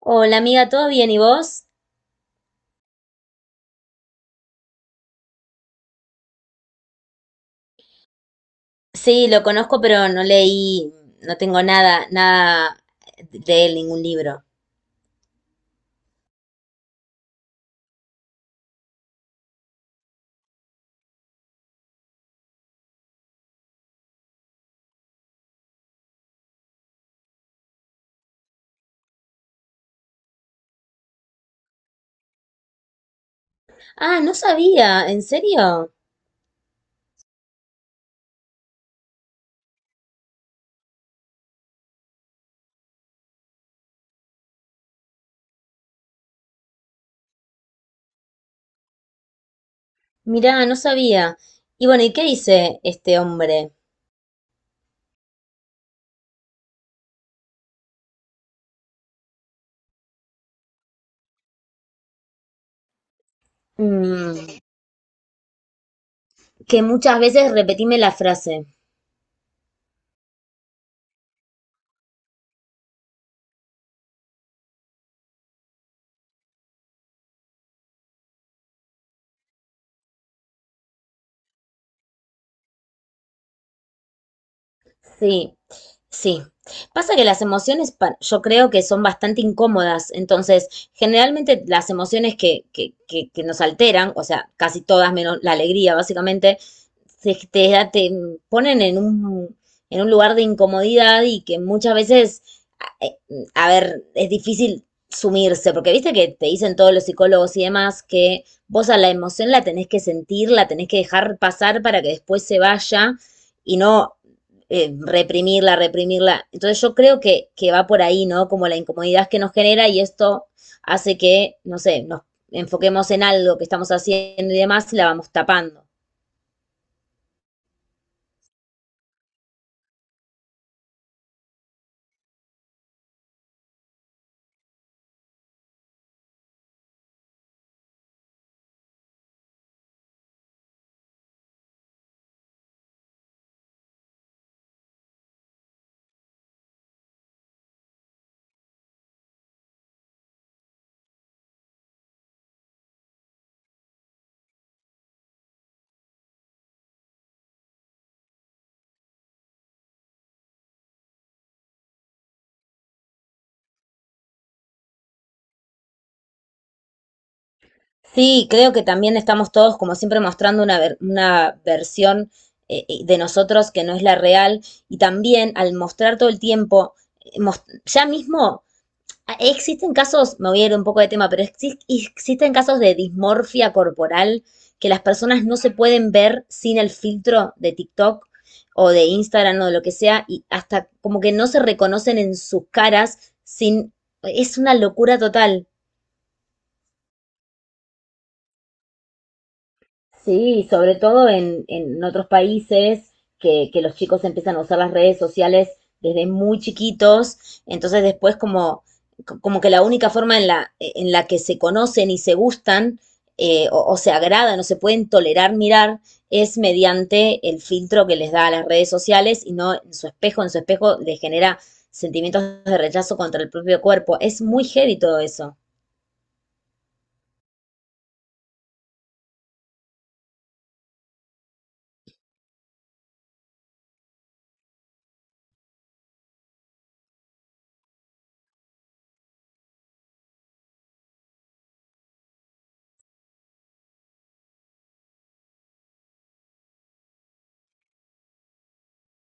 Hola amiga, ¿todo bien? ¿Y vos? Sí, lo conozco, pero no leí, no tengo nada de él, ningún libro. Ah, no sabía, ¿en serio? Mirá, no sabía. Y bueno, ¿y qué dice este hombre? Mm, que muchas veces repetime la frase. Sí, sí. Pasa que las emociones, yo creo que son bastante incómodas, entonces generalmente las emociones que nos alteran, o sea, casi todas menos la alegría, básicamente, te ponen en en un lugar de incomodidad y que muchas veces, a eh, a ver, es difícil sumirse, porque viste que te dicen todos los psicólogos y demás que vos a la emoción la tenés que sentir, la tenés que dejar pasar para que después se vaya y no reprimirla, reprimirla. Entonces yo creo que va por ahí, ¿no? Como la incomodidad que nos genera y esto hace que, no sé, nos enfoquemos en algo que estamos haciendo y demás y la vamos tapando. Sí, creo que también estamos todos, como siempre, mostrando una versión de nosotros que no es la real y también al mostrar todo el tiempo, ya mismo. Ah, existen casos, me voy a ir un poco de tema, pero existen casos de dismorfia corporal que las personas no se pueden ver sin el filtro de TikTok o de Instagram o de lo que sea, y hasta como que no se reconocen en sus caras sin... Es una locura total. Sí, sobre todo en otros países que los chicos empiezan a usar las redes sociales desde muy chiquitos, entonces después como, como que la única forma en en la que se conocen y se gustan o se agradan o se pueden tolerar mirar es mediante el filtro que les da a las redes sociales y no en su espejo, en su espejo les genera sentimientos de rechazo contra el propio cuerpo. Es muy heavy todo eso.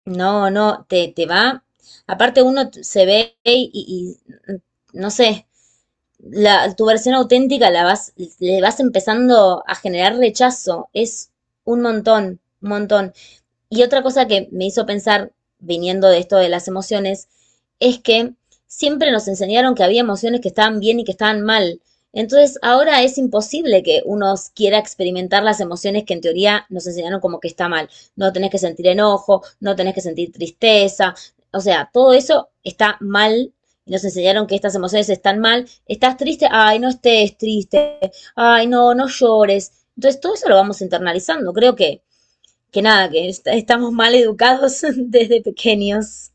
No, no, te va. Aparte se ve y, no sé, la, tu versión auténtica la vas, le vas empezando a generar rechazo. Es un montón, un montón. Y otra cosa que me hizo pensar, viniendo de esto de las emociones, es que siempre nos enseñaron que había emociones que estaban bien y que estaban mal. Entonces ahora es imposible que uno quiera experimentar las emociones que en teoría nos enseñaron como que está mal. No tenés que sentir enojo, no tenés que sentir tristeza. O sea, todo eso está mal y nos enseñaron que estas emociones están mal. Estás triste, ay, no estés triste, ay, no, no llores. Entonces todo eso lo vamos internalizando. Creo que nada, que estamos mal educados desde pequeños.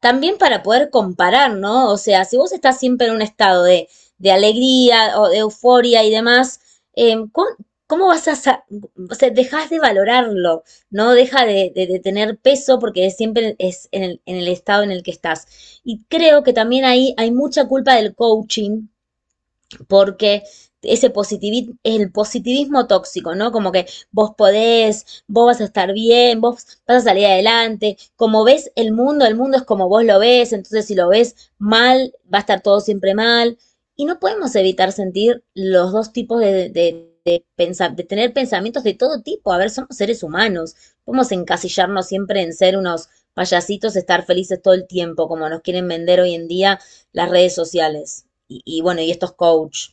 También para poder comparar, ¿no? O sea, si vos estás siempre en un estado de alegría o de euforia y demás, em, ¿cómo vas a... o sea, dejas de valorarlo, ¿no? Deja de tener peso porque siempre es en en el estado en el que estás. Y creo que también ahí hay mucha culpa del coaching, porque ese positivismo, el positivismo tóxico, ¿no? Como que vos podés, vos vas a estar bien, vos vas a salir adelante, como ves el mundo es como vos lo ves, entonces si lo ves mal, va a estar todo siempre mal. Y no podemos evitar sentir los dos tipos de pensar, de tener pensamientos de todo tipo. A ver, somos seres humanos, podemos encasillarnos siempre en ser unos payasitos, estar felices todo el tiempo, como nos quieren vender hoy en día las redes sociales y bueno, y estos coach.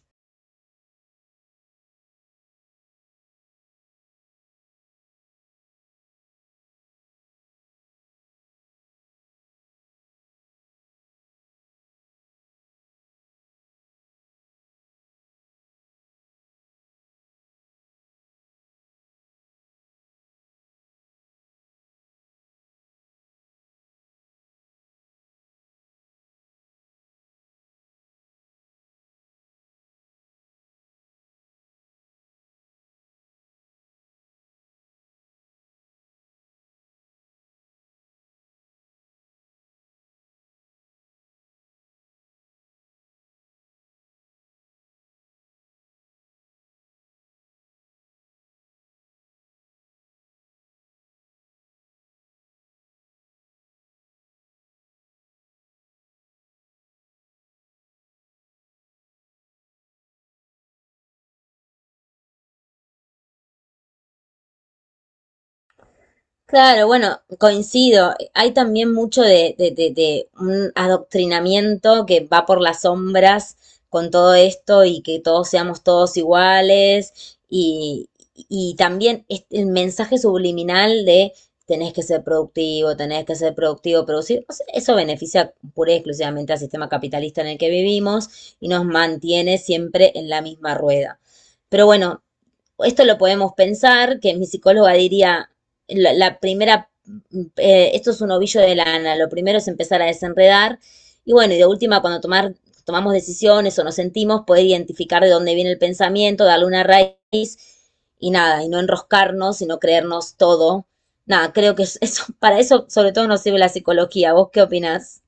Claro, bueno, coincido. Hay también mucho de un adoctrinamiento que va por las sombras con todo esto y que todos seamos todos iguales y también el mensaje subliminal de tenés que ser productivo, tenés que ser productivo, producir. O sea, eso beneficia pura y exclusivamente al sistema capitalista en el que vivimos y nos mantiene siempre en la misma rueda. Pero bueno, esto lo podemos pensar, que mi psicóloga diría, la primera, esto es un ovillo de lana, lo primero es empezar a desenredar y bueno, y de última, tomamos decisiones o nos sentimos, poder identificar de dónde viene el pensamiento, darle una raíz y nada, y no enroscarnos y no creernos todo. Nada, creo que eso, para eso sobre todo nos sirve la psicología. ¿Vos qué opinás?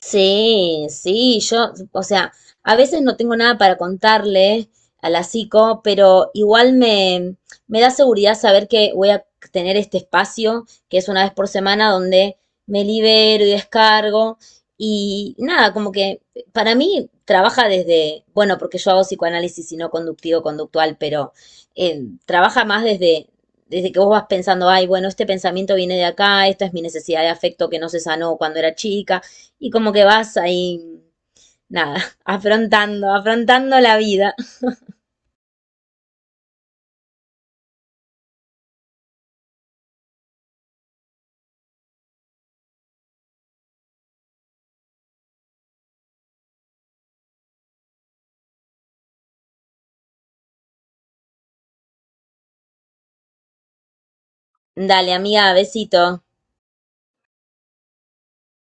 Sí, sí, yo, o sea, a veces no tengo nada para contarle a la psico, pero igual me da seguridad saber que voy a tener este espacio, que es 1 vez por semana, donde me libero y descargo. Y nada, como que para mí trabaja desde, bueno, porque yo hago psicoanálisis y no conductivo-conductual, pero trabaja más desde que vos vas pensando, ay, bueno, este pensamiento viene de acá, esta es mi necesidad de afecto que no se sanó cuando era chica. Y como que vas ahí, nada, afrontando, afrontando la vida. Dale, amiga, besito.